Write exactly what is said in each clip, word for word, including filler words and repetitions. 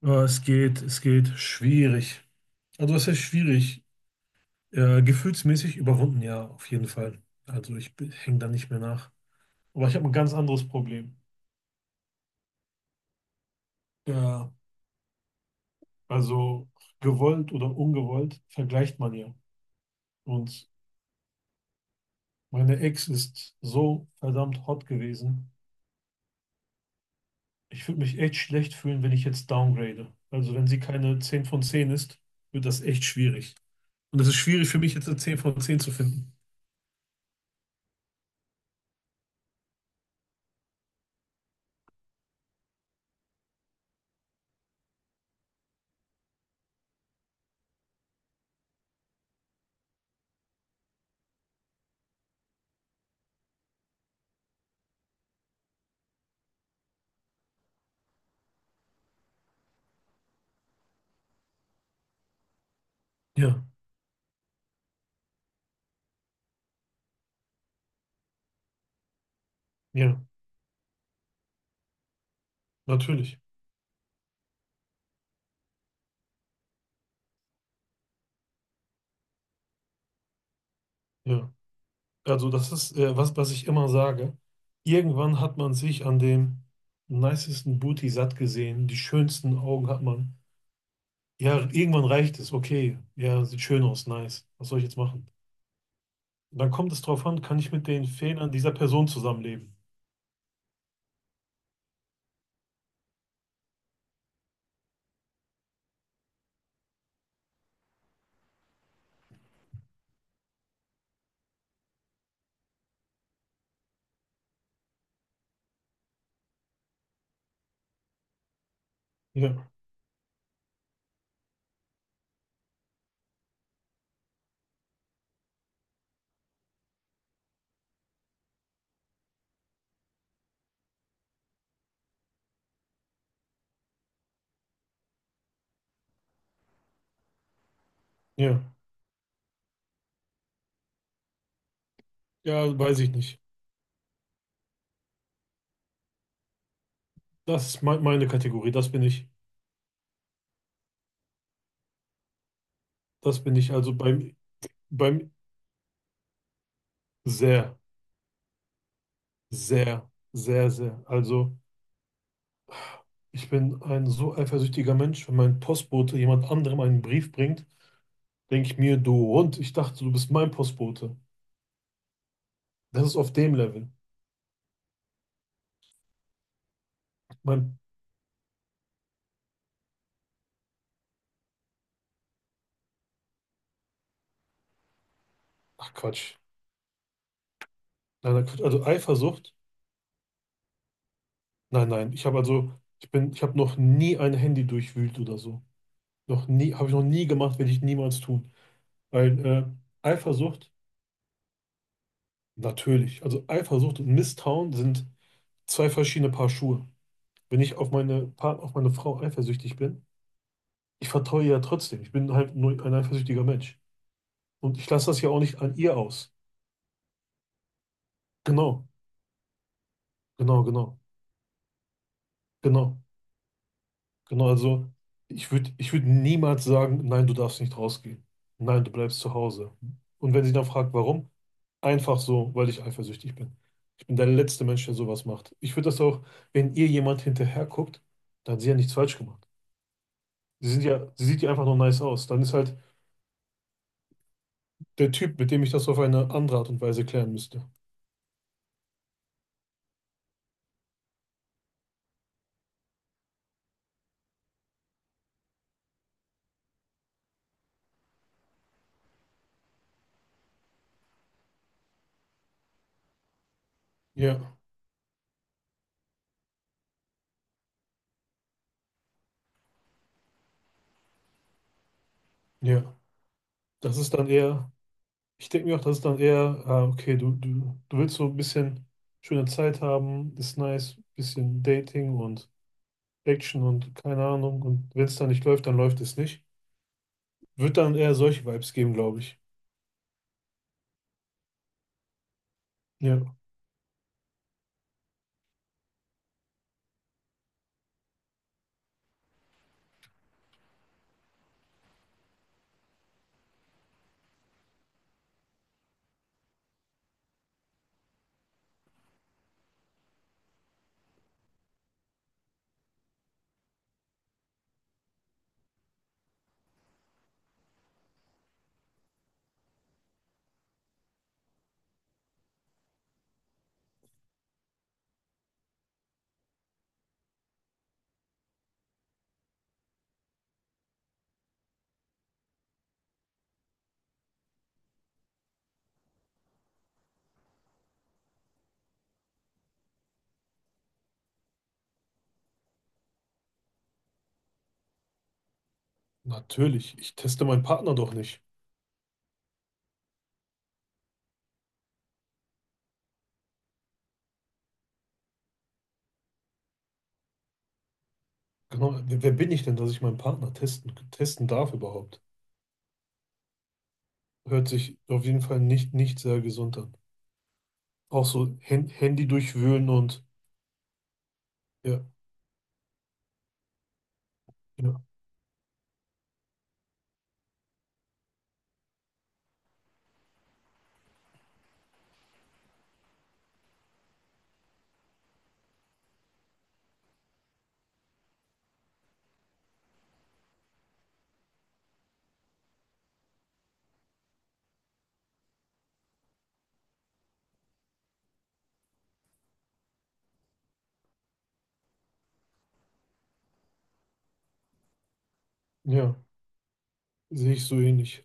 Ja, es geht, es geht schwierig. Also es ist schwierig. Äh, gefühlsmäßig überwunden, ja, auf jeden Fall. Also ich hänge da nicht mehr nach. Aber ich habe ein ganz anderes Problem. Ja, also gewollt oder ungewollt vergleicht man ja. Und meine Ex ist so verdammt hot gewesen. Ich würde mich echt schlecht fühlen, wenn ich jetzt downgrade. Also wenn sie keine zehn von zehn ist, wird das echt schwierig. Und es ist schwierig für mich jetzt eine zehn von zehn zu finden. Ja, ja, natürlich. Ja. Also das ist äh, was, was ich immer sage. Irgendwann hat man sich an dem nicesten Booty satt gesehen, die schönsten Augen hat man. Ja, irgendwann reicht es, okay, ja, sieht schön aus, nice. Was soll ich jetzt machen? Dann kommt es drauf an, kann ich mit den Fehlern dieser Person zusammenleben? Ja, ja, ja, weiß ich nicht. Das ist me meine Kategorie, das bin ich. Das bin ich also beim, beim sehr, sehr, sehr, sehr. Also ich bin ein so eifersüchtiger Mensch, wenn mein Postbote jemand anderem einen Brief bringt, denke ich mir, du und ich dachte, du bist mein Postbote. Das ist auf dem Level. Mein, Ach, Quatsch. Nein, nein, Quatsch. Also Eifersucht? Nein, nein. Ich habe also, ich bin, ich habe noch nie ein Handy durchwühlt oder so. Noch nie, habe ich noch nie gemacht, werde ich niemals tun. Weil äh, Eifersucht, natürlich. Also Eifersucht und Misstrauen sind zwei verschiedene Paar Schuhe. Wenn ich auf meine Part, auf meine Frau eifersüchtig bin, ich vertraue ihr ja trotzdem. Ich bin halt nur ein eifersüchtiger Mensch. Und ich lasse das ja auch nicht an ihr aus. Genau, genau, genau. Genau, genau. Also ich würde ich würd niemals sagen, nein, du darfst nicht rausgehen. Nein, du bleibst zu Hause. Und wenn sie dann fragt, warum, einfach so, weil ich eifersüchtig bin. Ich bin der letzte Mensch, der sowas macht. Ich würde das auch, wenn ihr jemand hinterher guckt, dann hat sie ja nichts falsch gemacht. Sie sind ja, sie sieht ja einfach nur nice aus. Dann ist halt der Typ, mit dem ich das auf eine andere Art und Weise klären müsste. Ja, ja. Das ist dann eher. Ich denke mir auch, das ist dann eher, ah, okay, du, du, du willst so ein bisschen schöne Zeit haben, ist nice, bisschen Dating und Action und keine Ahnung. Und wenn es dann nicht läuft, dann läuft es nicht. Wird dann eher solche Vibes geben, glaube ich. Ja, natürlich. Ich teste meinen Partner doch nicht. Genau, wer, wer bin ich denn, dass ich meinen Partner testen, testen darf überhaupt? Hört sich auf jeden Fall nicht, nicht sehr gesund an. Auch so Hand, Handy durchwühlen und ja, ja, ja, sehe ich so ähnlich.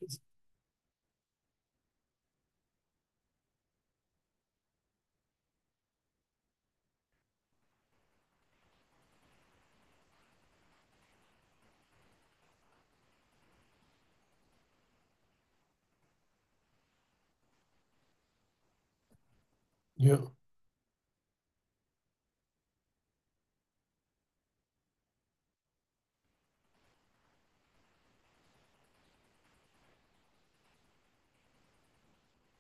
Ja,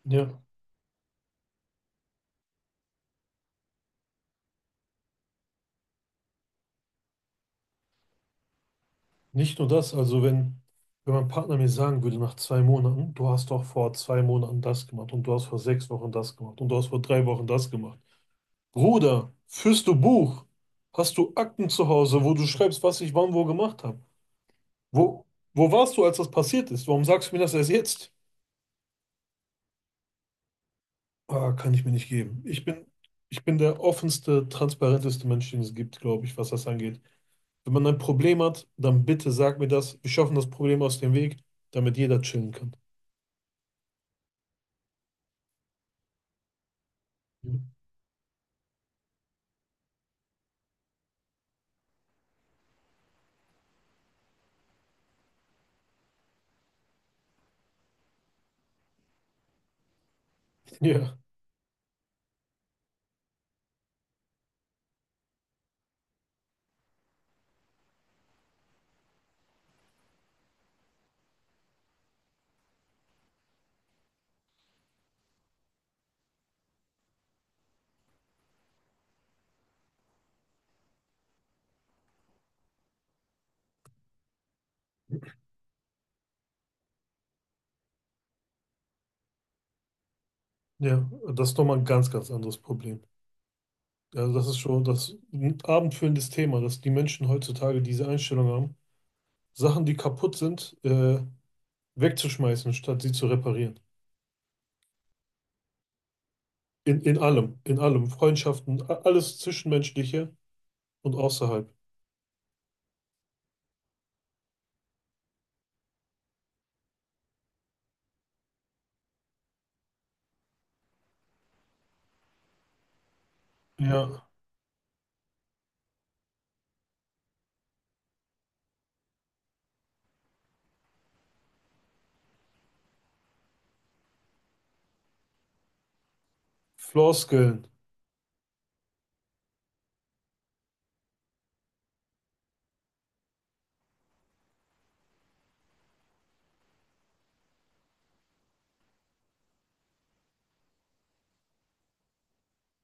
ja. Nicht nur das, also wenn, wenn mein Partner mir sagen würde nach zwei Monaten, du hast doch vor zwei Monaten das gemacht und du hast vor sechs Wochen das gemacht und du hast vor drei Wochen das gemacht. Bruder, führst du Buch? Hast du Akten zu Hause, wo du schreibst, was ich wann wo gemacht habe? Wo, wo warst du, als das passiert ist? Warum sagst du mir das erst jetzt? Ah, kann ich mir nicht geben. Ich bin, ich bin der offenste, transparenteste Mensch, den es gibt, glaube ich, was das angeht. Wenn man ein Problem hat, dann bitte sag mir das. Wir schaffen das Problem aus dem Weg, damit jeder chillen kann. Ja, ja, das ist nochmal ein ganz, ganz anderes Problem. Also das ist schon das ein abendfüllendes Thema, dass die Menschen heutzutage diese Einstellung haben, Sachen, die kaputt sind, äh, wegzuschmeißen, statt sie zu reparieren. In, in allem, in allem, Freundschaften, a- alles Zwischenmenschliche und außerhalb. Ja, Floskeln.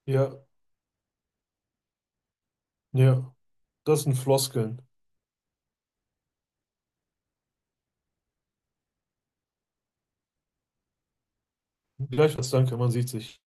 Ja, ja, das sind Floskeln. Gleichfalls danke, man sieht sich.